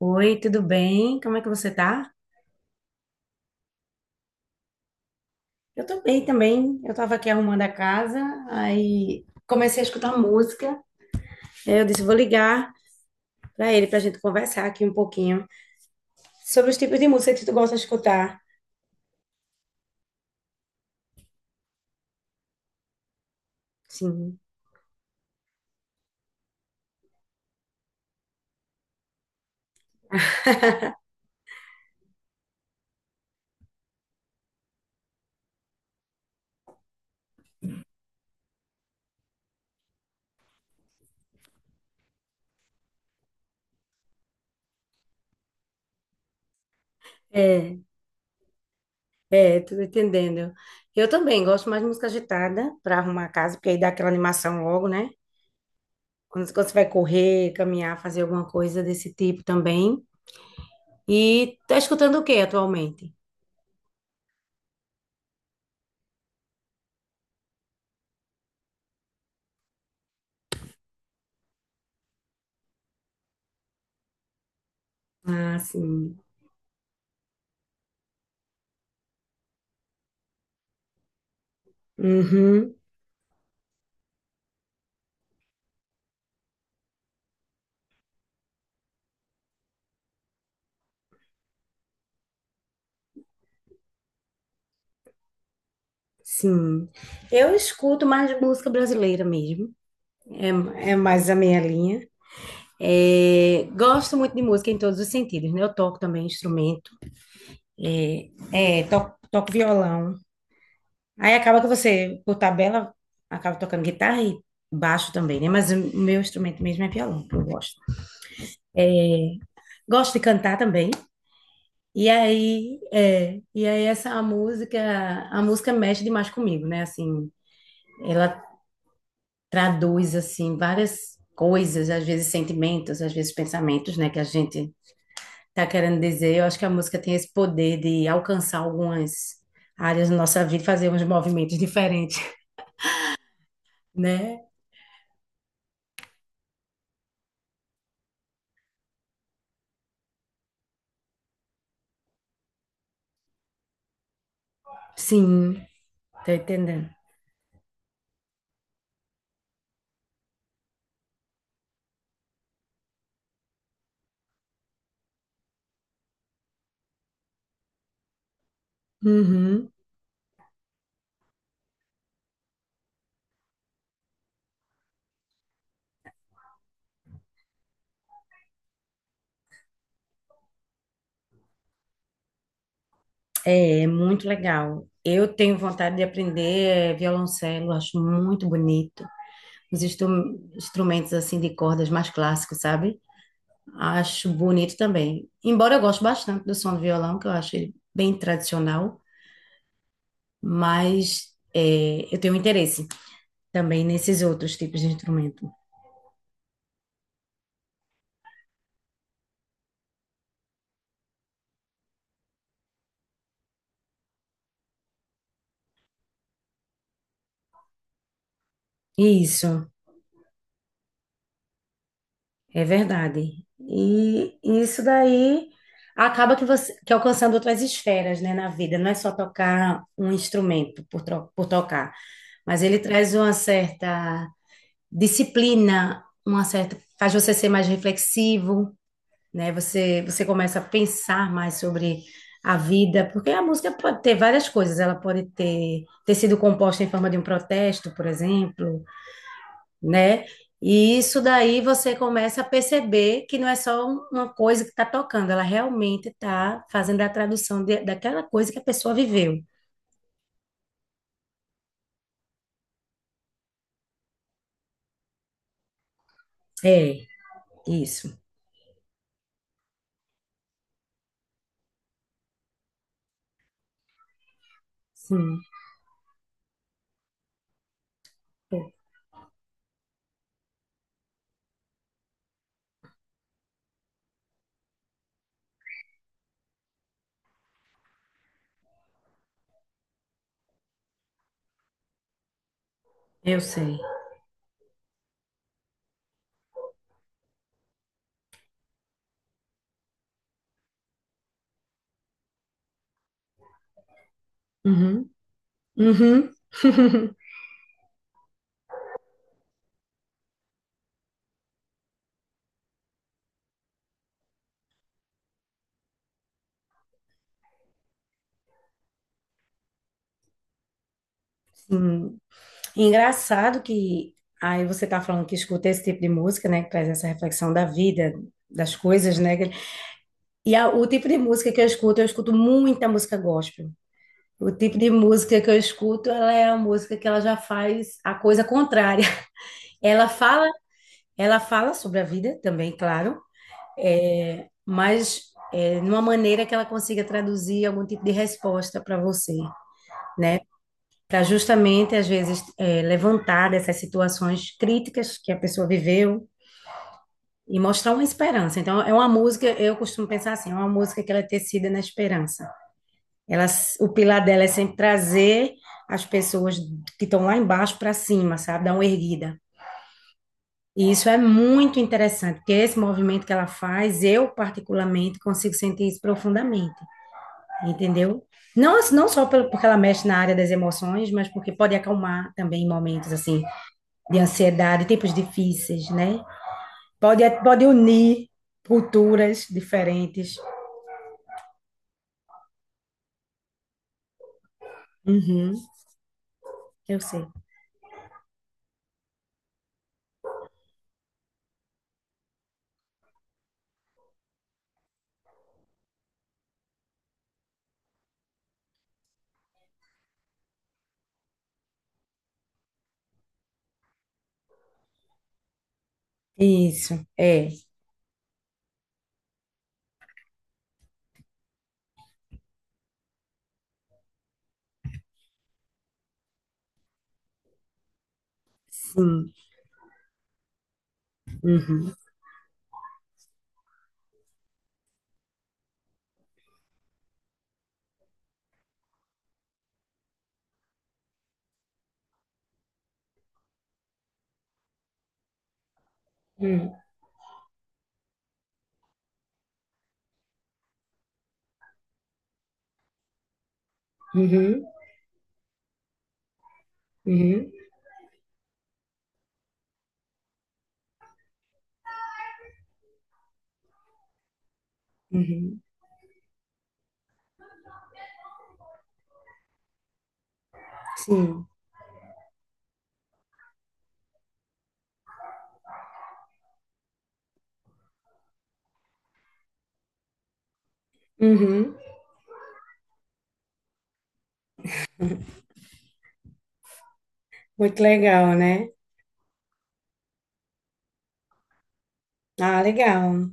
Oi, tudo bem? Como é que você tá? Eu tô bem também. Eu tava aqui arrumando a casa, aí comecei a escutar música. Aí eu disse, vou ligar pra ele pra gente conversar aqui um pouquinho sobre os tipos de música que tu gosta de escutar. Sim. É, é, tô entendendo. Eu também gosto mais de música agitada pra arrumar a casa, porque aí dá aquela animação logo, né? Quando você vai correr, caminhar, fazer alguma coisa desse tipo também. E tá escutando o que atualmente? Ah, sim. Uhum. Sim, eu escuto mais música brasileira mesmo, é, é mais a minha linha. É, gosto muito de música em todos os sentidos, né? Eu toco também instrumento, é, toco violão. Aí acaba que você, por tabela, acaba tocando guitarra e baixo também, né? Mas o meu instrumento mesmo é violão, que eu gosto. Gosto de cantar também. E aí, essa música, a música mexe demais comigo, né? Assim, traduz assim várias coisas, às vezes sentimentos, às vezes pensamentos, né, que a gente tá querendo dizer. Eu acho que a música tem esse poder de alcançar algumas áreas da nossa vida, fazer uns movimentos diferentes, né? Sim, tô entendendo. Uhum. É, é muito legal. Eu tenho vontade de aprender é, violoncelo, acho muito bonito. Os instrumentos assim de cordas mais clássicos, sabe? Acho bonito também. Embora eu goste bastante do som do violão, que eu acho ele bem tradicional, mas é, eu tenho um interesse também nesses outros tipos de instrumento. Isso, é verdade. E isso daí acaba que você que alcançando outras esferas, né, na vida. Não é só tocar um instrumento por tocar, mas ele traz uma certa disciplina, uma certa, faz você ser mais reflexivo, né? Você começa a pensar mais sobre a vida, porque a música pode ter várias coisas, ela pode ter sido composta em forma de um protesto, por exemplo, né? E isso daí você começa a perceber que não é só uma coisa que está tocando, ela realmente está fazendo a tradução daquela coisa que a pessoa viveu. É, isso. Sim, eu sei. Uhum. Uhum. Sim. Engraçado que aí você tá falando que escuta esse tipo de música, né, que traz essa reflexão da vida, das coisas, né? Que e a o tipo de música que eu escuto muita música gospel. O tipo de música que eu escuto, ela é a música que ela já faz a coisa contrária. Ela fala, ela fala sobre a vida também, claro, é, mas é, numa maneira que ela consiga traduzir algum tipo de resposta para você, né? Para justamente, às vezes, é, levantar dessas situações críticas que a pessoa viveu e mostrar uma esperança. Então, é uma música, eu costumo pensar assim, é uma música que ela é tecida na esperança. Ela, o pilar dela é sempre trazer as pessoas que estão lá embaixo para cima, sabe? Dar uma erguida. E isso é muito interessante, porque esse movimento que ela faz, eu particularmente consigo sentir isso profundamente, entendeu? Não, não só porque ela mexe na área das emoções, mas porque pode acalmar também em momentos assim de ansiedade, tempos difíceis, né? Pode, pode unir culturas diferentes. Uhum, eu sei. Isso, é, sim. Uhum. Uhum. Uhum. Uhum. Uhum. Sim. Uhum. Muito legal, né? Ah, legal.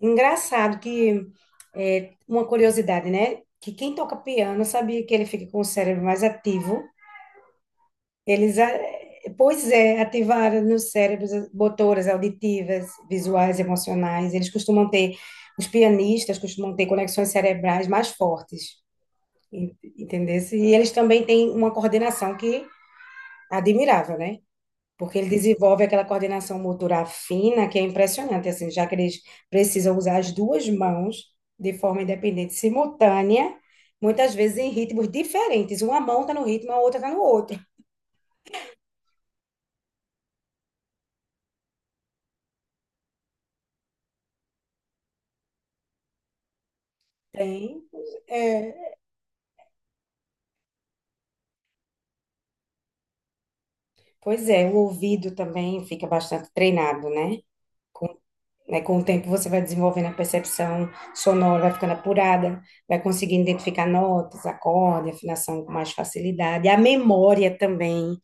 Engraçado que é uma curiosidade, né? Que quem toca piano sabia que ele fica com o cérebro mais ativo. Eles, a- Pois é, ativaram nos cérebros as motoras auditivas, visuais, emocionais. Eles costumam ter, os pianistas costumam ter conexões cerebrais mais fortes, entendesse? E eles também têm uma coordenação que é admirável, né? Porque ele desenvolve aquela coordenação motora fina que é impressionante, assim, já que eles precisam usar as duas mãos de forma independente, simultânea, muitas vezes em ritmos diferentes. Uma mão está no ritmo, a outra está no outro. Tem. Pois é, o ouvido também fica bastante treinado, né? Com, né, com o tempo você vai desenvolvendo a percepção sonora, vai ficando apurada, vai conseguindo identificar notas, acorde, afinação com mais facilidade. A memória também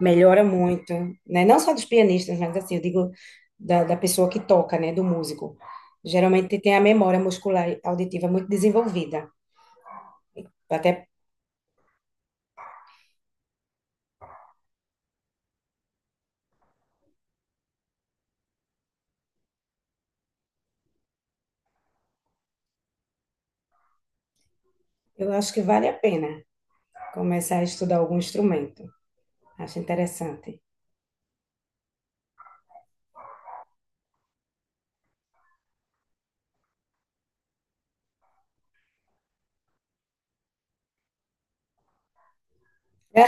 melhora muito, né? Não só dos pianistas, mas assim, eu digo da, da pessoa que toca, né? Do músico. Geralmente tem a memória muscular e auditiva muito desenvolvida. Até eu acho que vale a pena começar a estudar algum instrumento. Acho interessante. É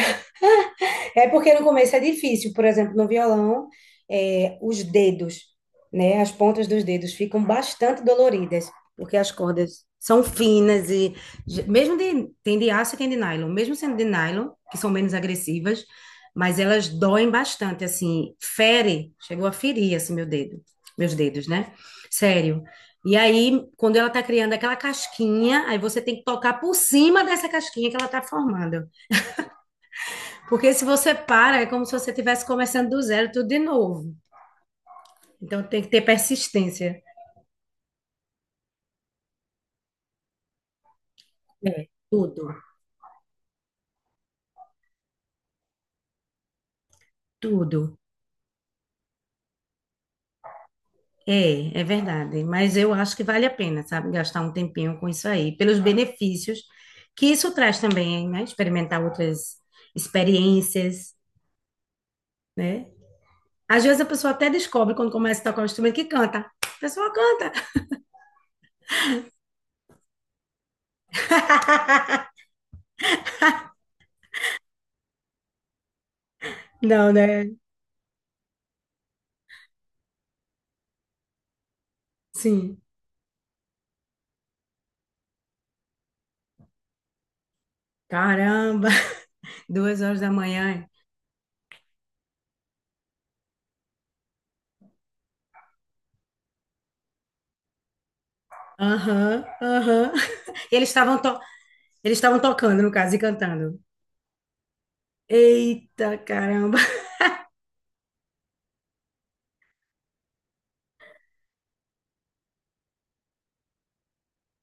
é, porque no começo é difícil, por exemplo, no violão, é, os dedos, né, as pontas dos dedos ficam bastante doloridas, porque as cordas são finas e mesmo de, tem de aço e tem de nylon, mesmo sendo de nylon, que são menos agressivas, mas elas doem bastante, assim, fere, chegou a ferir, assim, meu dedo, meus dedos, né? Sério. E aí, quando ela tá criando aquela casquinha, aí você tem que tocar por cima dessa casquinha que ela tá formando. Porque se você para, é como se você estivesse começando do zero tudo de novo. Então tem que ter persistência. É, tudo, tudo. É, é verdade. Mas eu acho que vale a pena, sabe, gastar um tempinho com isso aí, pelos benefícios que isso traz também, né? Experimentar outras experiências, né? Às vezes a pessoa até descobre quando começa a tocar um instrumento que canta. A pessoa canta. Não, né? Sim. Caramba! 2 horas da manhã. Aham, aham. Eles estavam to... eles estavam tocando, no caso, e cantando. Eita, caramba.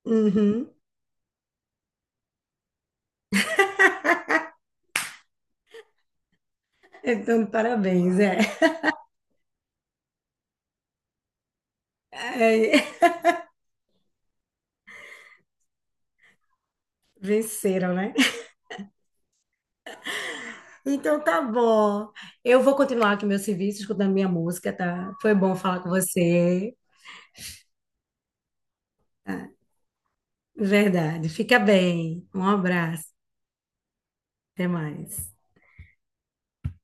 Uhum. Então, parabéns, é. É, venceram, né? Então tá bom. Eu vou continuar aqui meu serviço, escutando minha música, tá? Foi bom falar com você. Tá. Verdade. Fica bem. Um abraço. Até mais.